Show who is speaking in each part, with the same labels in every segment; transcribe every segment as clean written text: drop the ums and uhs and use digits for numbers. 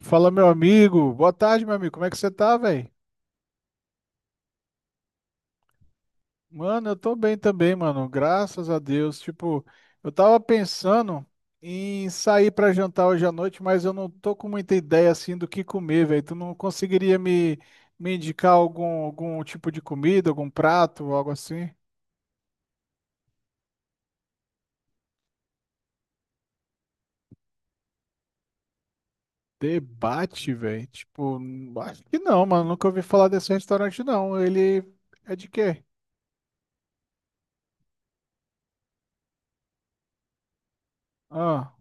Speaker 1: Fala, meu amigo. Boa tarde, meu amigo. Como é que você tá, velho? Mano, eu tô bem também, mano. Graças a Deus. Tipo, eu tava pensando em sair pra jantar hoje à noite, mas eu não tô com muita ideia assim do que comer, velho. Tu não conseguiria me indicar algum tipo de comida, algum prato, algo assim? Debate, velho. Tipo, acho que não, mano. Nunca ouvi falar desse restaurante, não. Ele é de quê? Ah,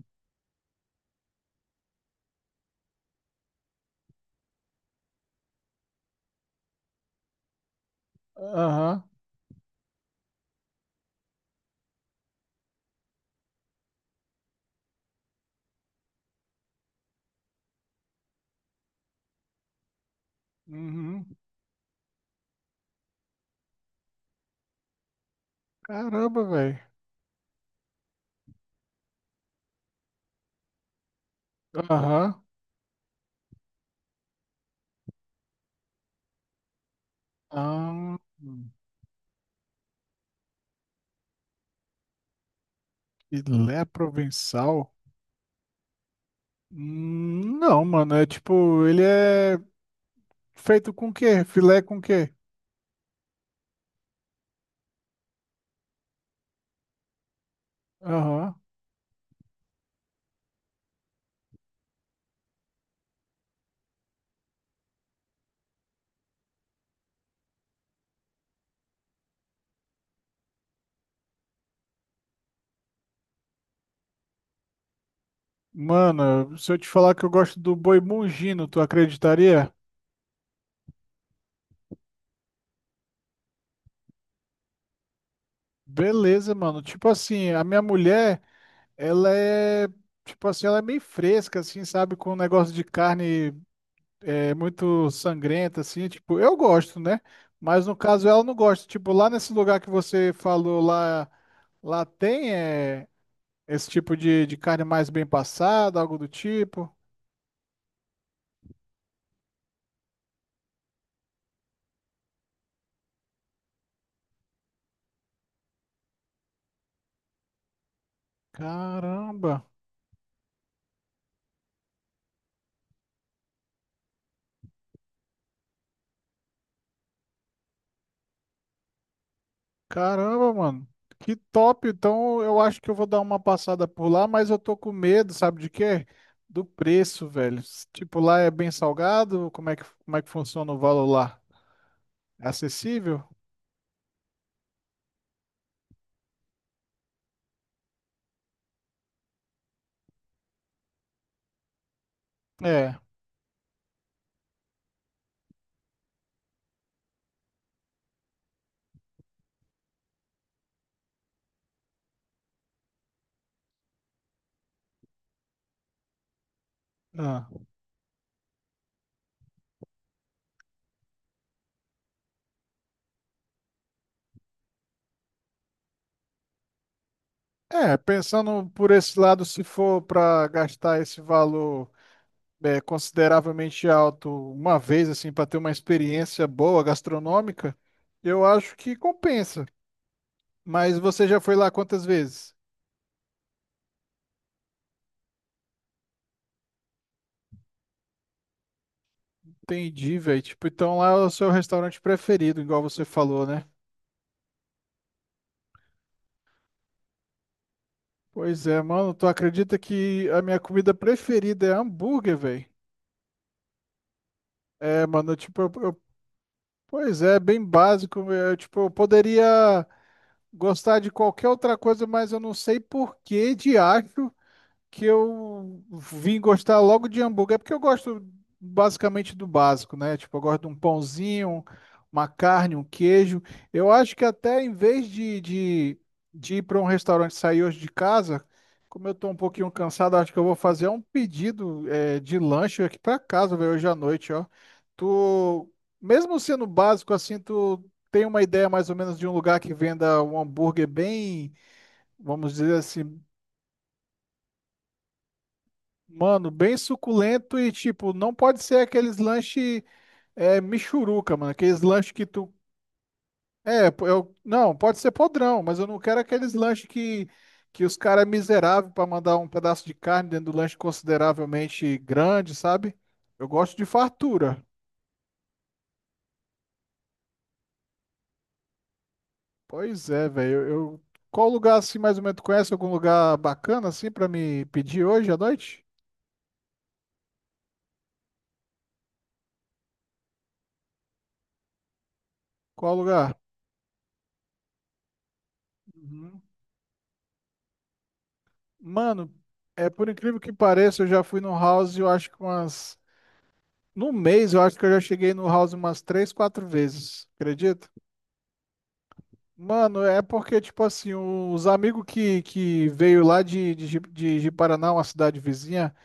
Speaker 1: aham. Uhum. Caramba, velho. Aham. Ah, filé provençal? Não, mano, é tipo, ele é feito com quê? Filé com quê? Aham. Mano, se eu te falar que eu gosto do boi mungino, tu acreditaria? Beleza, mano. Tipo assim, a minha mulher, ela é, tipo assim, ela é meio fresca, assim, sabe? Com um negócio de carne é, muito sangrenta, assim. Tipo, eu gosto, né? Mas no caso ela não gosta. Tipo, lá nesse lugar que você falou lá, lá tem, é. Esse tipo de carne mais bem passada, algo do tipo. Caramba, caramba, mano. Que top. Então eu acho que eu vou dar uma passada por lá, mas eu tô com medo, sabe de quê? Do preço, velho. Tipo, lá é bem salgado? Como é que funciona o valor lá? É acessível? É. Ah. É, pensando por esse lado, se for para gastar esse valor, é, consideravelmente alto uma vez, assim, para ter uma experiência boa gastronômica, eu acho que compensa. Mas você já foi lá quantas vezes? Entendi, velho. Tipo, então lá é o seu restaurante preferido, igual você falou, né? Pois é, mano, tu acredita que a minha comida preferida é hambúrguer, velho? É, mano, tipo, pois é, bem básico. Eu, tipo, eu poderia gostar de qualquer outra coisa, mas eu não sei por que de acho que eu vim gostar logo de hambúrguer, é porque eu gosto basicamente do básico, né? Tipo, eu gosto de um pãozinho, uma carne, um queijo. Eu acho que até em vez de ir para um restaurante sair hoje de casa, como eu tô um pouquinho cansado, acho que eu vou fazer um pedido de lanche aqui para casa, velho, hoje à noite, ó. Tu, mesmo sendo básico assim, tu tem uma ideia mais ou menos de um lugar que venda um hambúrguer bem, vamos dizer assim, mano, bem suculento e tipo, não pode ser aqueles lanche é, michuruca, mano. Aqueles lanches que tu. É, pô, eu, não, pode ser podrão, mas eu não quero aqueles lanches que os caras é miserável pra mandar um pedaço de carne dentro do lanche consideravelmente grande, sabe? Eu gosto de fartura. Pois é, velho. Qual lugar assim mais ou menos tu conhece? Algum lugar bacana assim pra me pedir hoje à noite? Qual lugar? Uhum. Mano, é por incrível que pareça, eu já fui no house, eu acho que umas. No mês, eu acho que eu já cheguei no house umas três, quatro vezes, acredito? Mano, é porque, tipo assim, os amigos que veio lá de Paraná, uma cidade vizinha,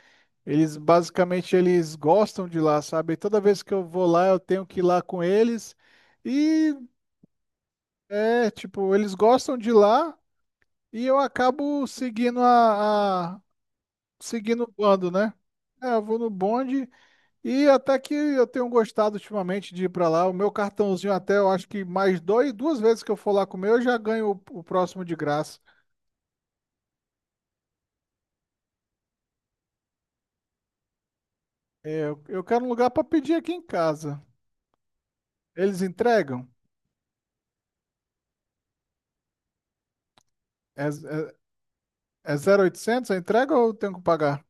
Speaker 1: eles basicamente eles gostam de lá, sabe? E toda vez que eu vou lá, eu tenho que ir lá com eles. E é, tipo, eles gostam de lá e eu acabo seguindo seguindo o bando, né? É, eu vou no bonde. E até que eu tenho gostado ultimamente de ir pra lá. O meu cartãozinho até, eu acho que mais dois, duas vezes que eu for lá comer, eu já ganho o próximo de graça. É, eu quero um lugar pra pedir aqui em casa. Eles entregam? É, é, é 0800 a entrega ou eu tenho que pagar?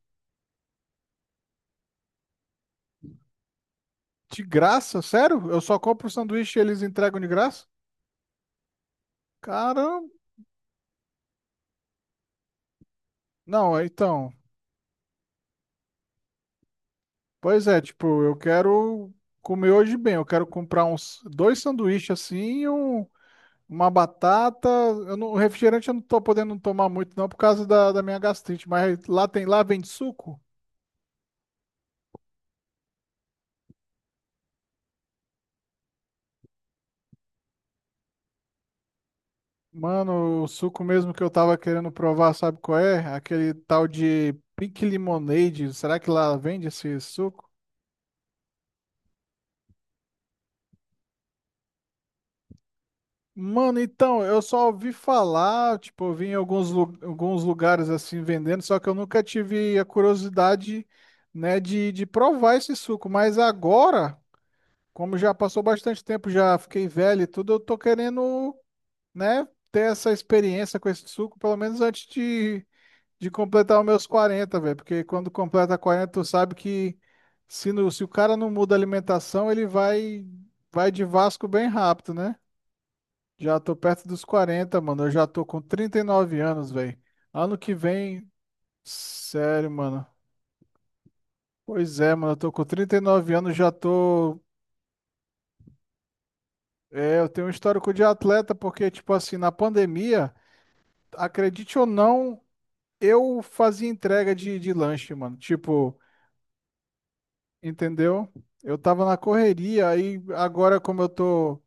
Speaker 1: De graça? Sério? Eu só compro o sanduíche e eles entregam de graça? Caramba! Não, é, então. Pois é, tipo, eu quero comer hoje bem. Eu quero comprar uns dois sanduíches assim e uma batata, eu não, refrigerante eu não tô podendo tomar muito não por causa da minha gastrite, mas lá tem, lá vende suco? Mano, o suco mesmo que eu tava querendo provar, sabe qual é? Aquele tal de Pink Lemonade, será que lá vende esse suco? Mano, então, eu só ouvi falar, tipo, eu vi em alguns lugares assim vendendo, só que eu nunca tive a curiosidade, né, de provar esse suco, mas agora, como já passou bastante tempo, já fiquei velho e tudo, eu tô querendo né, ter essa experiência com esse suco, pelo menos antes de completar os meus 40, velho. Porque quando completa 40, tu sabe que se o cara não muda a alimentação, ele vai de Vasco bem rápido, né? Já tô perto dos 40, mano. Eu já tô com 39 anos, velho. Ano que vem, sério, mano. Pois é, mano, eu tô com 39 anos, já tô. É, eu tenho um histórico de atleta, porque, tipo assim, na pandemia, acredite ou não, eu fazia entrega de lanche, mano. Tipo, entendeu? Eu tava na correria, aí agora como eu tô,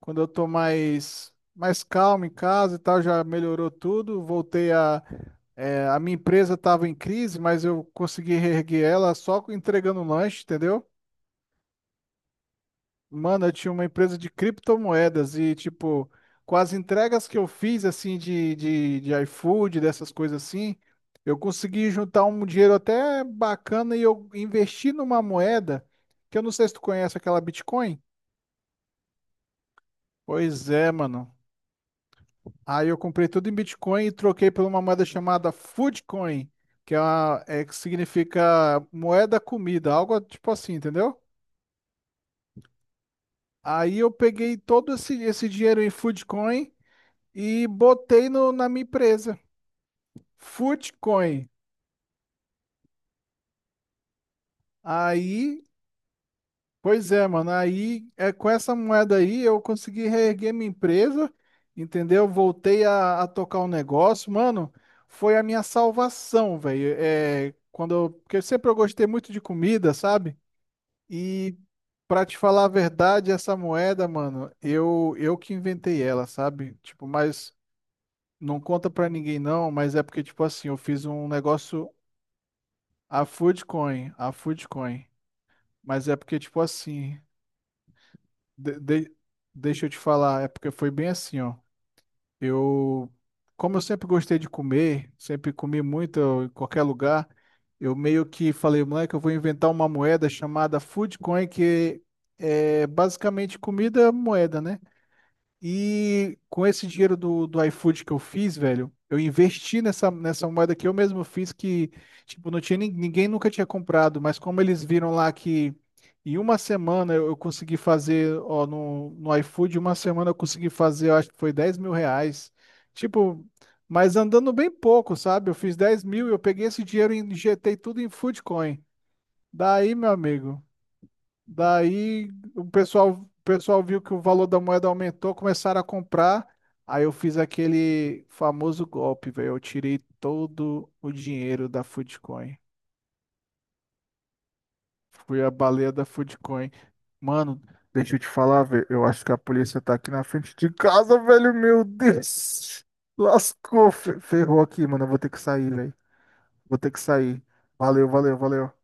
Speaker 1: quando eu tô mais calmo em casa e tal, já melhorou tudo. A minha empresa tava em crise, mas eu consegui reerguer ela só entregando um lanche, entendeu? Mano, eu tinha uma empresa de criptomoedas e, tipo, com as entregas que eu fiz, assim, de iFood, dessas coisas assim, eu consegui juntar um dinheiro até bacana e eu investi numa moeda, que eu não sei se tu conhece aquela Bitcoin. Pois é, mano. Aí eu comprei tudo em Bitcoin e troquei por uma moeda chamada Foodcoin, que é, uma, é que significa moeda comida, algo tipo assim, entendeu? Aí eu peguei todo esse dinheiro em Foodcoin e botei no, na minha empresa, Footcoin. Aí, pois é, mano, aí é com essa moeda aí eu consegui reerguer minha empresa, entendeu? Voltei a tocar o negócio, mano, foi a minha salvação, velho. É, quando eu, porque sempre eu gostei muito de comida, sabe? E pra te falar a verdade, essa moeda, mano, eu que inventei ela, sabe? Tipo, mas não conta pra ninguém não, mas é porque tipo assim, eu fiz um negócio. A Foodcoin, a Foodcoin. Mas é porque, tipo assim, de- de- deixa eu te falar, é porque foi bem assim, ó. Eu, como eu sempre gostei de comer, sempre comi muito em qualquer lugar, eu meio que falei, moleque, eu vou inventar uma moeda chamada Foodcoin, que é basicamente comida moeda, né? E com esse dinheiro do iFood que eu fiz, velho, eu investi nessa moeda que eu mesmo fiz, que, tipo, não tinha, ninguém nunca tinha comprado, mas como eles viram lá que em uma semana eu consegui fazer, ó, no iFood, uma semana eu consegui fazer, eu acho que foi 10.000 reais. Tipo, mas andando bem pouco, sabe? Eu fiz 10.000 e eu peguei esse dinheiro e injetei tudo em Foodcoin. Daí, meu amigo. Daí o pessoal viu que o valor da moeda aumentou, começaram a comprar. Aí eu fiz aquele famoso golpe, velho. Eu tirei todo o dinheiro da Foodcoin. Fui a baleia da Foodcoin. Mano, deixa eu te falar, velho. Eu acho que a polícia tá aqui na frente de casa, velho. Meu Deus. Lascou, ferrou aqui, mano. Eu vou ter que sair, velho. Vou ter que sair. Valeu, valeu, valeu.